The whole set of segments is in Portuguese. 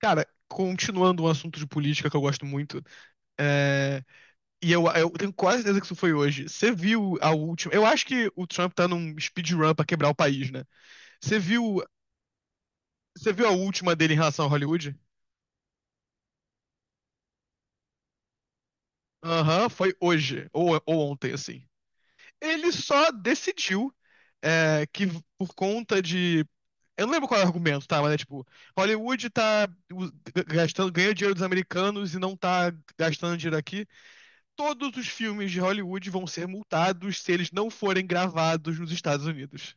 Cara, continuando um assunto de política que eu gosto muito, é, e eu tenho quase certeza que isso foi hoje. Você viu a última. Eu acho que o Trump tá num speedrun pra quebrar o país, né? Você viu, você viu a última dele em relação a Hollywood? Aham, foi hoje, ou ontem, assim. Ele só decidiu que por conta de. Eu não lembro qual é o argumento, tá? Mas é tipo, Hollywood tá u- gastando, ganhando dinheiro dos americanos e não tá gastando dinheiro aqui. Todos os filmes de Hollywood vão ser multados se eles não forem gravados nos Estados Unidos.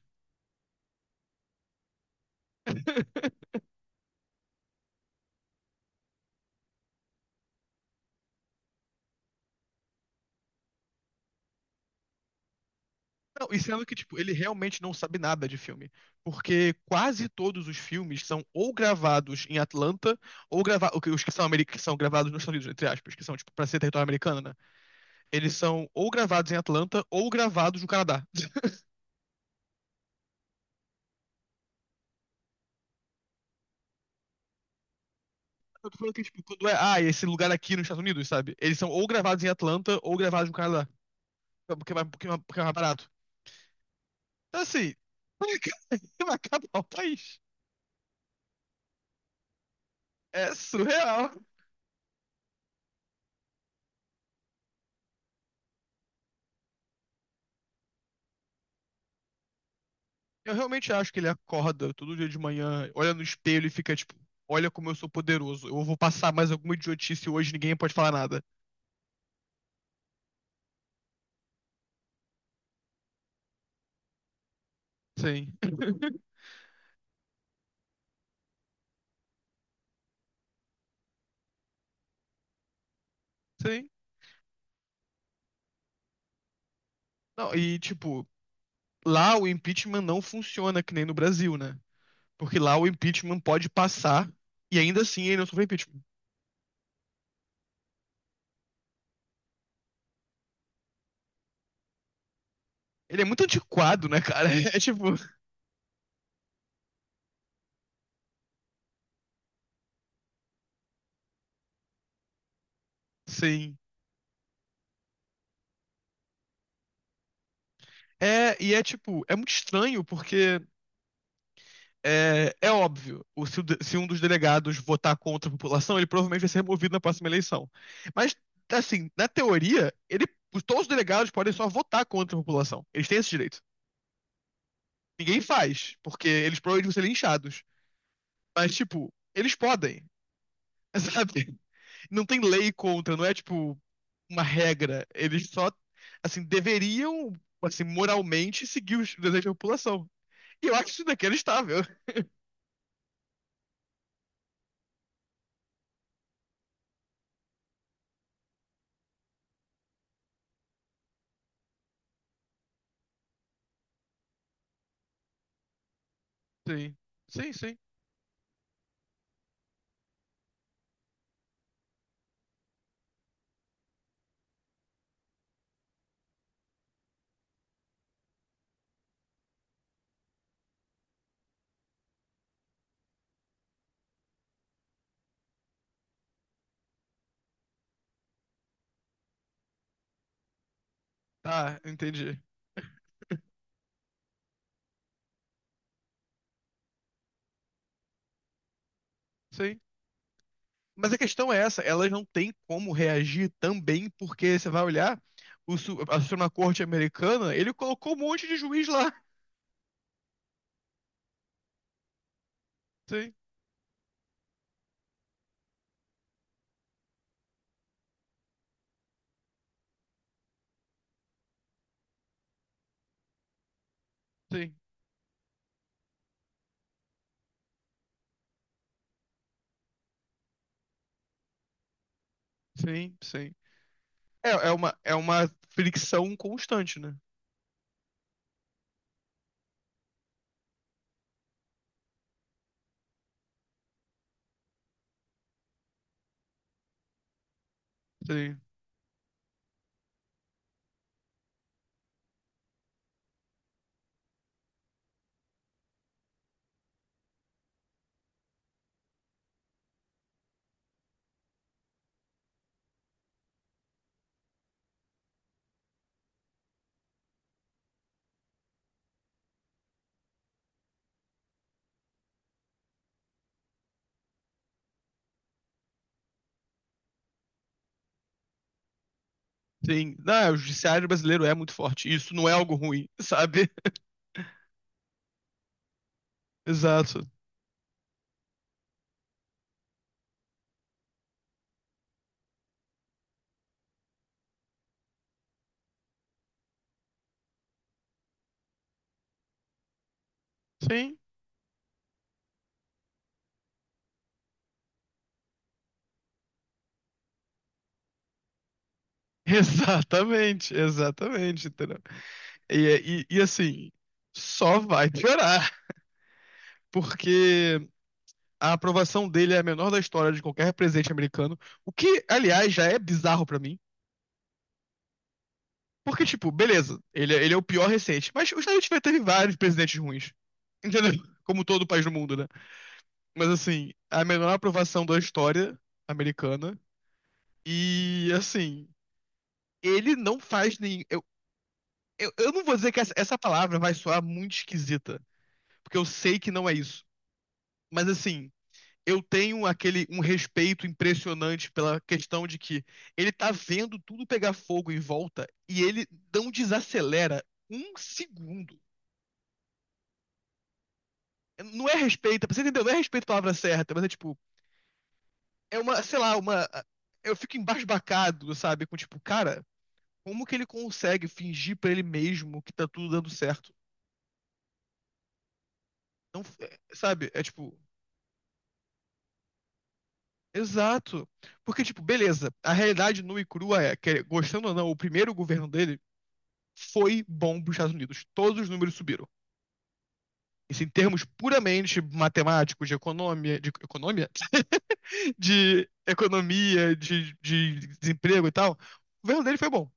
Não, e sendo que, tipo, ele realmente não sabe nada de filme. Porque quase todos os filmes são ou gravados em Atlanta, ou gravados. Os que são, que são gravados nos Estados Unidos, entre aspas, que são, tipo, pra ser território americano, né? Eles são ou gravados em Atlanta, ou gravados no Canadá. Eu tô falando que, tipo, quando é. Ah, esse lugar aqui nos Estados Unidos, sabe? Eles são ou gravados em Atlanta, ou gravados no Canadá. Porque é mais porque é mais barato. Então, assim. Vai acabar o país. É surreal. Eu realmente acho que ele acorda todo dia de manhã, olha no espelho e fica tipo, olha como eu sou poderoso. Eu vou passar mais alguma idiotice hoje, ninguém pode falar nada. Sim. Sim. Não, e tipo, lá o impeachment não funciona que nem no Brasil, né? Porque lá o impeachment pode passar e ainda assim ele não sofre impeachment. Ele é muito antiquado, né, cara? É tipo, sim. E é tipo, é muito estranho porque é, é óbvio, o- se, o de- se um dos delegados votar contra a população, ele provavelmente vai ser removido na próxima eleição. Mas, assim, na teoria, todos os delegados podem só votar contra a população. Eles têm esse direito. Ninguém faz, porque eles provavelmente vão ser linchados. Mas, tipo, eles podem, sabe? Não tem lei contra, não é, tipo, uma regra. Eles só, assim, deveriam, assim, moralmente seguir os desejos da população. E eu acho isso inacreditável. Sim, sim, sim. Tá, entendi. Sim. Mas a questão é essa, elas não têm como reagir também, porque você vai olhar, a Suprema Corte americana, ele colocou um monte de juiz lá. Sim, sim, sim, sim. É, é uma fricção constante, né? Sim, sim. Não, o judiciário brasileiro é muito forte. Isso não é algo ruim, sabe? Exato. Sim. Exatamente, exatamente, entendeu? E assim, só vai piorar, porque a aprovação dele é a menor da história de qualquer presidente americano. O que, aliás, já é bizarro pra mim. Porque, tipo, beleza, ele é o pior recente. Mas os Estados Unidos já teve vários presidentes ruins. Entendeu? Como todo país do mundo, né? Mas, assim, a menor aprovação da história americana. E, assim, ele não faz nem. Eu não vou dizer que essa palavra vai soar muito esquisita. Porque eu sei que não é isso. Mas, assim, eu tenho aquele um respeito impressionante pela questão de que ele tá vendo tudo pegar fogo em volta e ele não desacelera um segundo. Não é respeito, você entendeu? Não é respeito a palavra certa, mas é tipo, é uma, sei lá, uma. Eu fico embasbacado, sabe? Com tipo, cara, como que ele consegue fingir pra ele mesmo que tá tudo dando certo? Não, é, sabe? É tipo, exato. Porque, tipo, beleza, a realidade nua e crua é que, gostando ou não, o primeiro governo deles foi bom para os Estados Unidos. Todos os números subiram. Isso em termos puramente matemáticos, de economia, de, de desemprego e tal, o governo dele foi bom.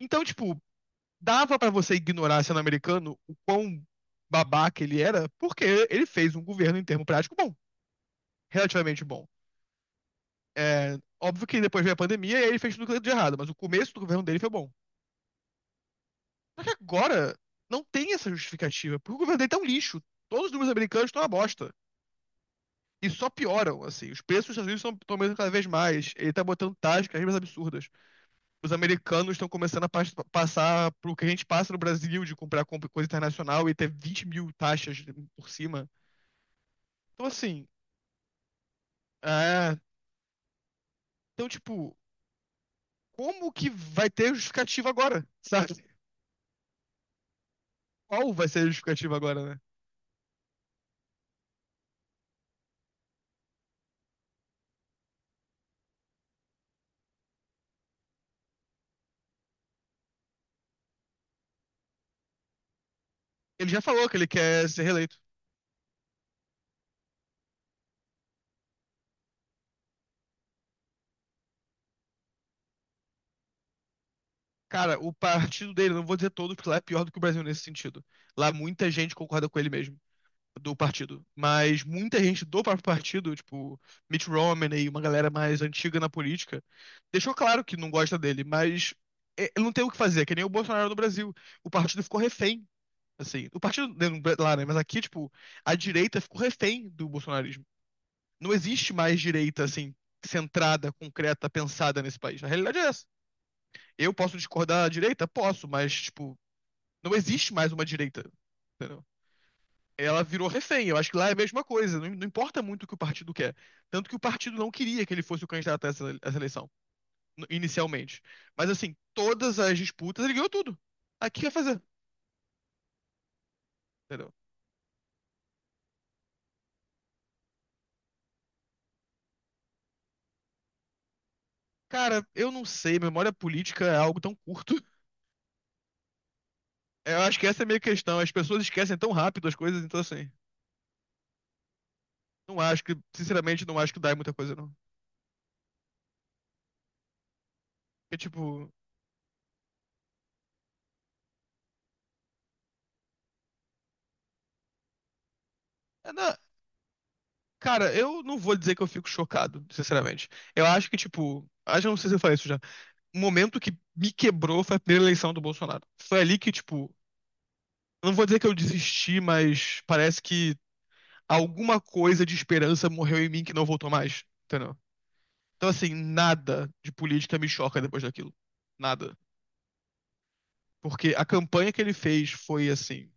Então, tipo, dava para você ignorar sendo americano o quão babaca ele era, porque ele fez um governo em termo prático bom, relativamente bom. É, óbvio que depois veio a pandemia e aí ele fez tudo de errado, mas o começo do governo dele foi bom. E agora não tem essa justificativa, porque o governo dele tá um lixo. Todos os números americanos estão uma bosta. E só pioram, assim. Os preços dos Estados Unidos estão aumentando cada vez mais. Ele tá botando taxas cada vez mais absurdas. Os americanos estão começando a passar pro que a gente passa no Brasil, de comprar coisa internacional e ter 20 mil taxas por cima. Então, assim, é... Então, tipo, como que vai ter justificativa agora, sabe? Qual vai ser a justificativa agora, né? Ele já falou que ele quer ser reeleito. Cara, o partido dele, não vou dizer todos, porque lá é pior do que o Brasil nesse sentido. Lá muita gente concorda com ele mesmo. Do partido, mas muita gente do próprio partido, tipo Mitt Romney, uma galera mais antiga na política, deixou claro que não gosta dele, mas é, ele não tem o que fazer, que nem o Bolsonaro no Brasil. O partido ficou refém, assim. O partido né, lá, né? Mas aqui, tipo, a direita ficou refém do bolsonarismo. Não existe mais direita, assim, centrada, concreta, pensada nesse país. A realidade é essa. Eu posso discordar da direita? Posso, mas, tipo, não existe mais uma direita. Entendeu? Ela virou refém. Eu acho que lá é a mesma coisa. Não, não importa muito o que o partido quer. Tanto que o partido não queria que ele fosse o candidato a a essa eleição, inicialmente. Mas assim, todas as disputas, ele ganhou tudo. Aqui ia fazer, entendeu? Cara, eu não sei. Memória política é algo tão curto. Eu acho que essa é a minha questão. As pessoas esquecem tão rápido as coisas, então assim. Não acho que, sinceramente, não acho que dá em muita coisa, não. É tipo. é na- Cara, eu não vou dizer que eu fico chocado, sinceramente. Eu acho que, tipo. Acho que não sei se eu falei isso já. O momento que me quebrou foi a primeira eleição do Bolsonaro. Foi ali que, tipo, eu não vou dizer que eu desisti, mas parece que alguma coisa de esperança morreu em mim que não voltou mais, entendeu? Então, assim, nada de política me choca depois daquilo. Nada. Porque a campanha que ele fez foi, assim,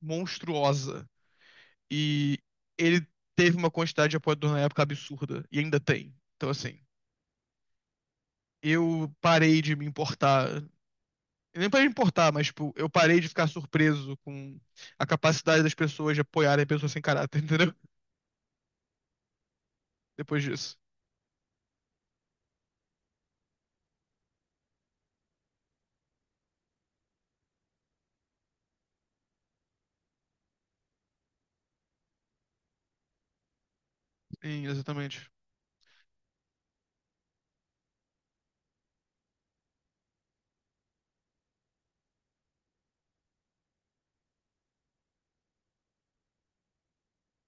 monstruosa. E ele teve uma quantidade de apoiadores na época absurda. E ainda tem. Então, assim, eu parei de me importar. Nem pra importar, mas, tipo, eu parei de ficar surpreso com a capacidade das pessoas de apoiarem pessoas sem caráter, entendeu? Depois disso. Sim, exatamente.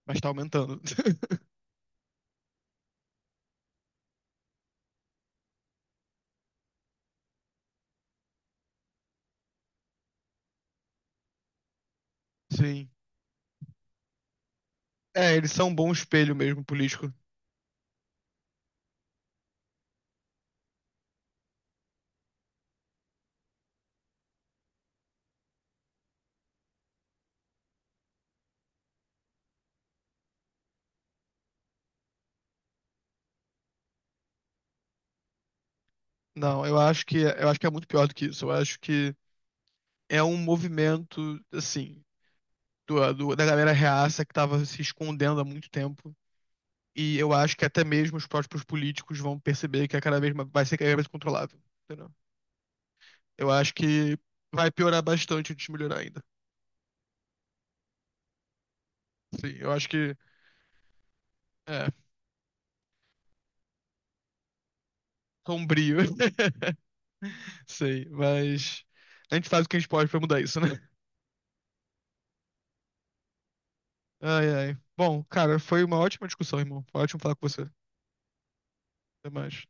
Mas tá aumentando. Sim. É, eles são um bom espelho mesmo político. Não, eu acho que é muito pior do que isso. Eu acho que é um movimento, assim, da galera reaça que tava se escondendo há muito tempo. E eu acho que até mesmo os próprios políticos vão perceber que é cada vez mais, vai ser cada vez mais controlável. Entendeu? Eu acho que vai piorar bastante antes de melhorar ainda. Sim, eu acho que é sombrio. Sei, mas a gente faz o que a gente pode pra mudar isso, né? Ai, ai. Bom, cara, foi uma ótima discussão, irmão. Foi ótimo falar com você. Até mais.